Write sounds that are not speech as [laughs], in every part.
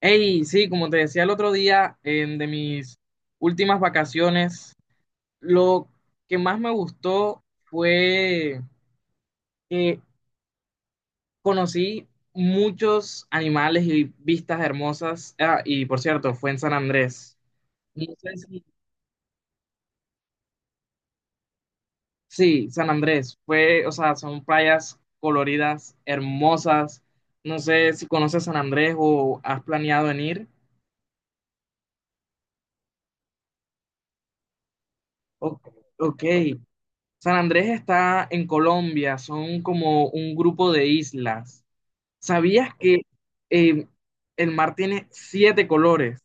Hey, sí, como te decía el otro día, en de mis últimas vacaciones, lo que más me gustó fue que conocí muchos animales y vistas hermosas. Ah, y por cierto, fue en San Andrés. No sé si- Sí, San Andrés. Fue, o sea, son playas coloridas, hermosas. No sé si conoces San Andrés o has planeado en ir. O- ok. San Andrés está en Colombia, son como un grupo de islas. ¿Sabías que eh, el mar tiene siete colores?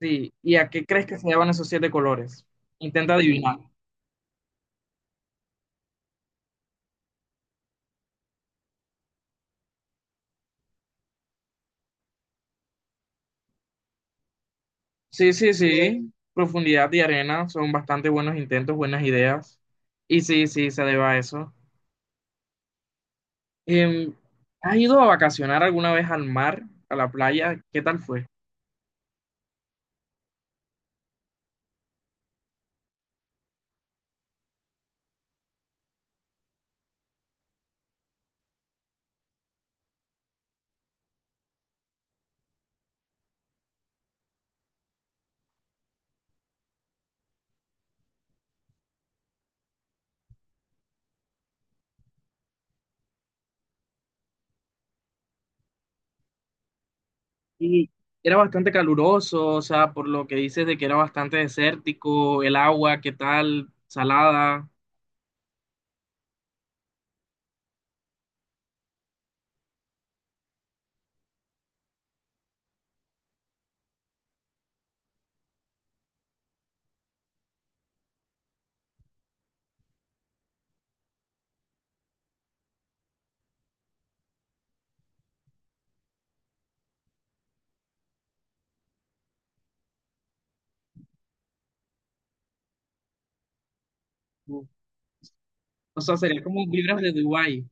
Sí. ¿Y a qué crees que se llaman esos siete colores? Intenta adivinar. Sí, sí, sí. Profundidad y arena son bastante buenos intentos, buenas ideas. Y sí, sí, se debe a eso. Em, ¿Has ido a vacacionar alguna vez al mar, a la playa? ¿Qué tal fue? Y era bastante caluroso, o sea, por lo que dices de que era bastante desértico, el agua, ¿qué tal? Salada. O sea, sería como vibras de Dubái,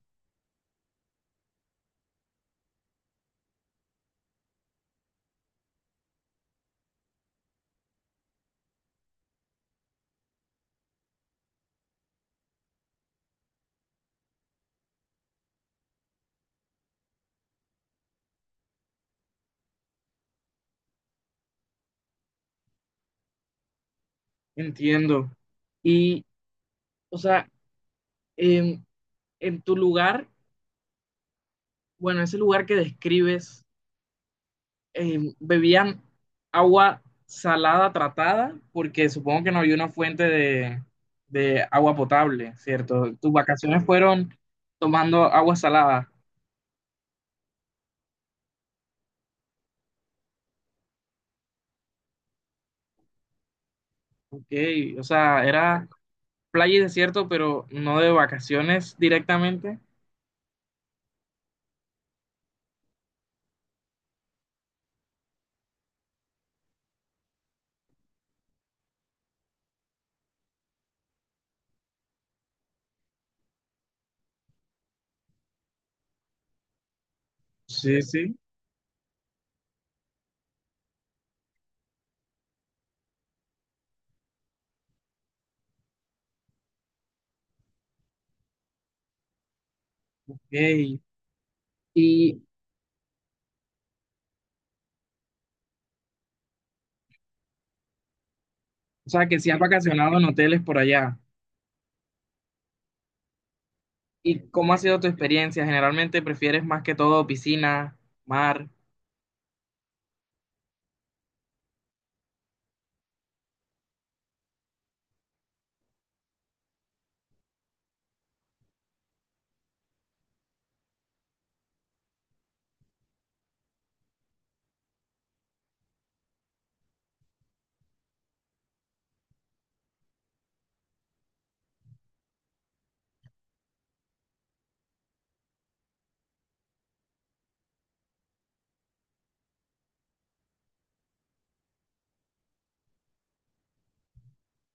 entiendo. Y, o sea, en, en tu lugar, bueno, ese lugar que describes, ¿bebían agua salada tratada? Porque supongo que no había una fuente de agua potable, ¿cierto? Tus vacaciones fueron tomando agua salada. Ok, o sea, era playa y desierto, pero no de vacaciones directamente. Sí, sí. Ey, Y, o sea, que si has vacacionado en hoteles por allá. ¿Y cómo ha sido tu experiencia? ¿Generalmente prefieres más que todo piscina, mar?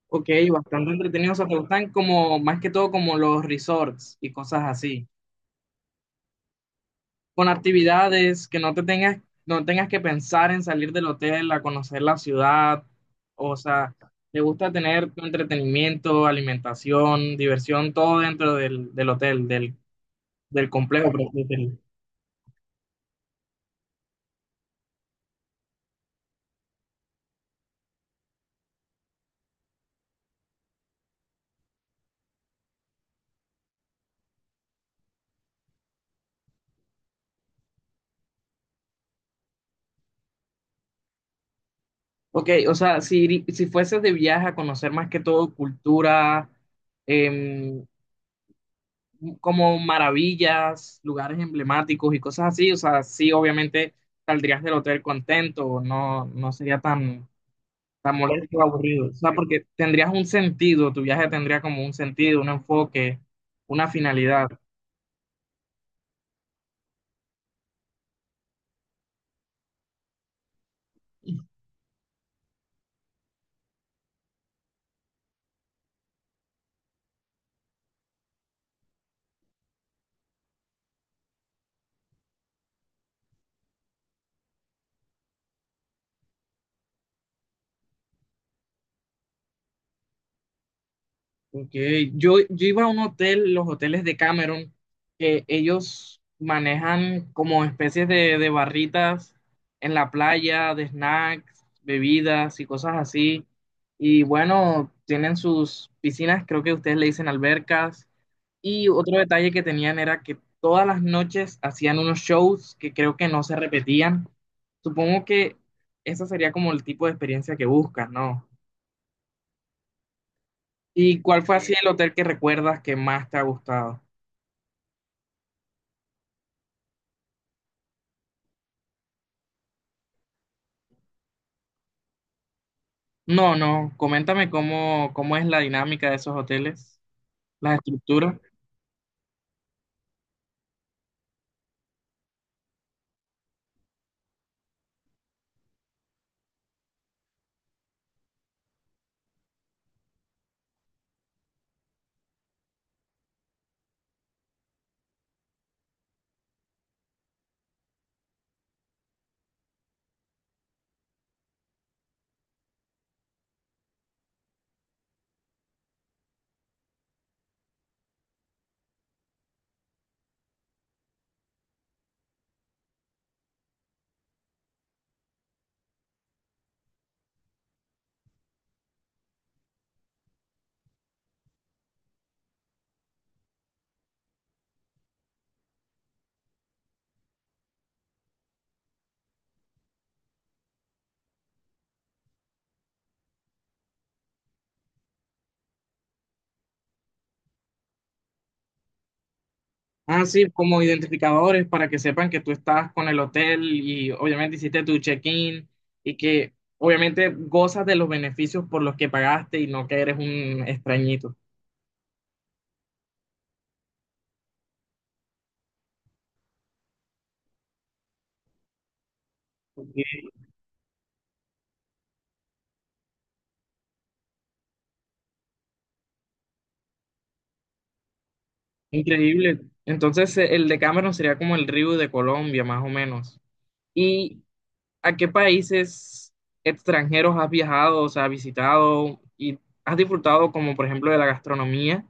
Ok, bastante entretenido. O sea, te gustan como, más que todo como los resorts y cosas así. Con actividades que no te tengas, no tengas que pensar en salir del hotel a conocer la ciudad. O sea, te gusta tener tu entretenimiento, alimentación, diversión, todo dentro del, del hotel, del, del complejo, por así decirlo. Ok, o sea, si, si fueses de viaje a conocer más que todo cultura, em, como maravillas, lugares emblemáticos y cosas así, o sea, sí, obviamente saldrías del hotel contento, no, no sería tan está molesto, aburrido. O sea, porque tendrías un sentido, tu viaje tendría como un sentido, un enfoque, una finalidad. Okay. Yo iba a un hotel, los hoteles de Cameron, que ellos manejan como especies de barritas en la playa, de snacks, bebidas y cosas así. Y bueno, tienen sus piscinas, creo que ustedes le dicen albercas. Y otro detalle que tenían era que todas las noches hacían unos shows que creo que no se repetían. Supongo que esa sería como el tipo de experiencia que buscas, ¿no? ¿Y cuál fue así sí, el hotel que recuerdas que más te ha gustado? No, no, coméntame cómo, cómo es la dinámica de esos hoteles, las estructuras. Ah, sí, como identificadores para que sepan que tú estás con el hotel y obviamente hiciste tu check-in y que obviamente gozas de los beneficios por los que pagaste y no que eres un extrañito. Ok, increíble. Entonces, el Decameron sería como el río de Colombia, más o menos. ¿Y a qué países extranjeros has viajado, o sea, has visitado y has disfrutado, como por ejemplo, de la gastronomía?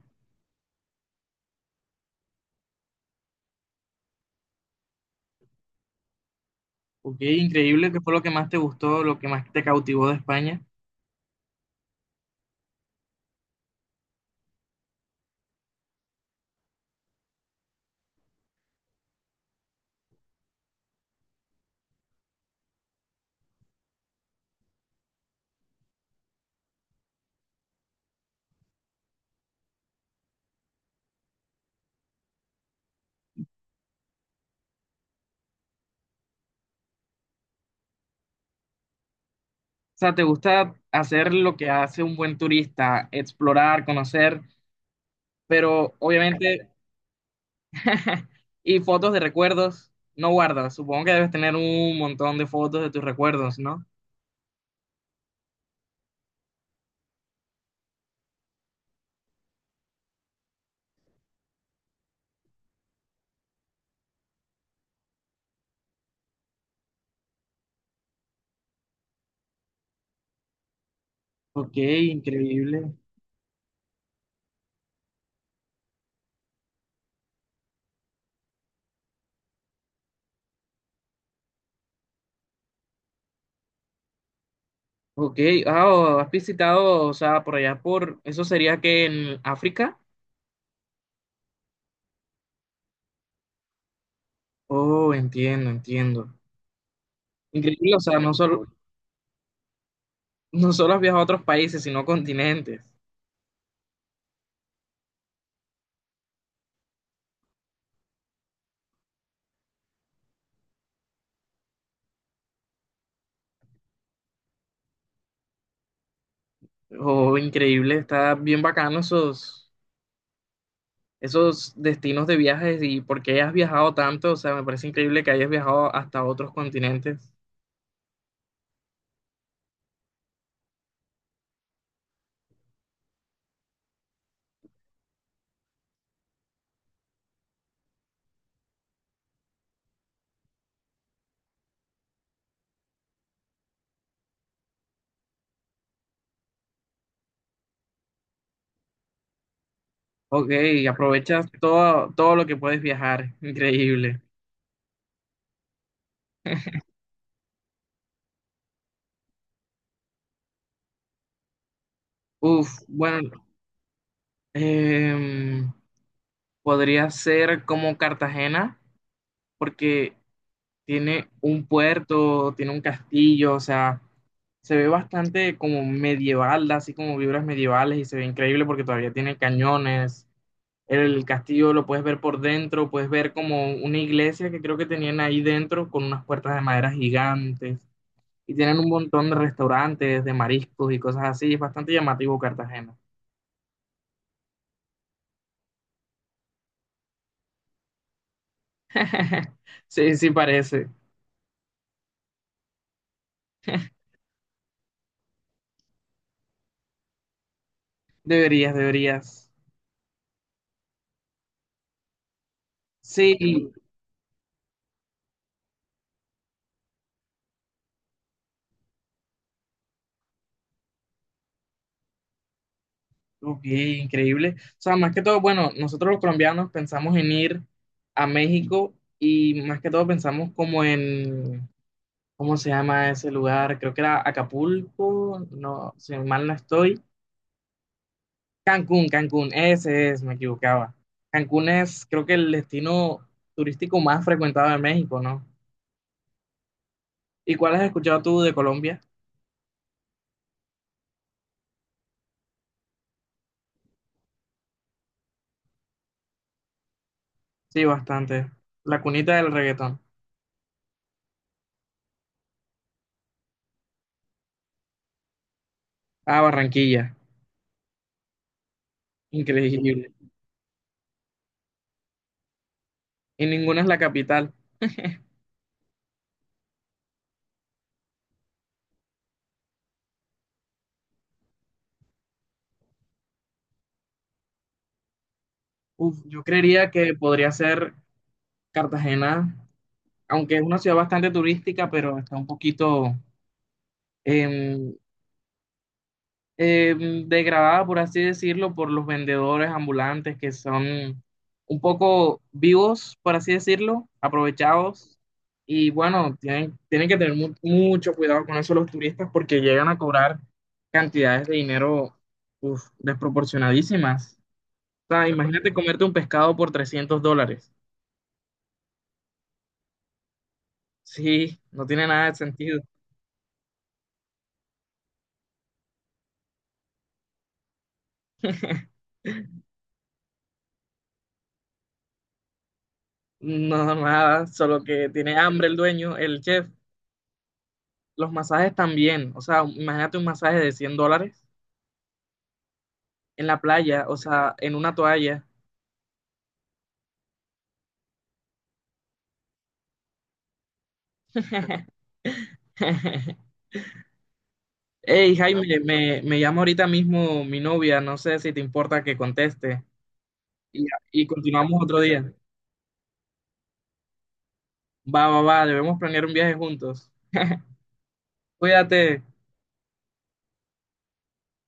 Ok, increíble. ¿Qué fue lo que más te gustó, lo que más te cautivó de España? O sea, ¿te gusta hacer lo que hace un buen turista, explorar, conocer, pero obviamente, [laughs] y fotos de recuerdos no guardas? Supongo que debes tener un montón de fotos de tus recuerdos, ¿no? Ok, increíble. Ok, ah, oh, has visitado, o sea, por allá por, ¿eso sería que en África? Oh, entiendo, entiendo. Increíble, o sea, no solo, no solo has viajado a otros países, sino continentes. Oh, increíble, está bien bacano esos, esos destinos de viajes y porque has viajado tanto, o sea, me parece increíble que hayas viajado hasta otros continentes. Ok, aprovechas todo, todo lo que puedes viajar, increíble. Uf, bueno, em, podría ser como Cartagena, porque tiene un puerto, tiene un castillo, o sea, se ve bastante como medieval, así como vibras medievales y se ve increíble porque todavía tiene cañones. El castillo lo puedes ver por dentro, puedes ver como una iglesia que creo que tenían ahí dentro con unas puertas de madera gigantes y tienen un montón de restaurantes, de mariscos y cosas así. Es bastante llamativo Cartagena. [laughs] Sí, sí parece. Deberías, deberías. Sí, ok, increíble. O sea, más que todo, bueno, nosotros los colombianos pensamos en ir a México y más que todo pensamos como en, ¿cómo se llama ese lugar? Creo que era Acapulco, no, si mal no estoy. Cancún, Cancún, ese es, me equivocaba. Cancún es, creo que el destino turístico más frecuentado de México, ¿no? ¿Y cuál has escuchado tú de Colombia? Sí, bastante. La cunita del reggaetón. Ah, Barranquilla. Increíble. Y ninguna es la capital. [laughs] Uf, yo creería que podría ser Cartagena, aunque es una ciudad bastante turística, pero está un poquito em, degradada, por así decirlo, por los vendedores ambulantes que son un poco vivos, por así decirlo, aprovechados. Y bueno, tienen, tienen que tener mucho cuidado con eso los turistas porque llegan a cobrar cantidades de dinero uf, desproporcionadísimas. O sea, imagínate comerte un pescado por $300. Sí, no tiene nada de sentido. [laughs] No, nada, solo que tiene hambre el dueño, el chef. Los masajes también, o sea, imagínate un masaje de $100 en la playa, o sea, en una toalla. [laughs] Hey, no, Jaime, me llama ahorita mismo mi novia, no sé si te importa que conteste. Y, y continuamos otro día. Va, va, va, debemos planear un viaje juntos. Cuídate.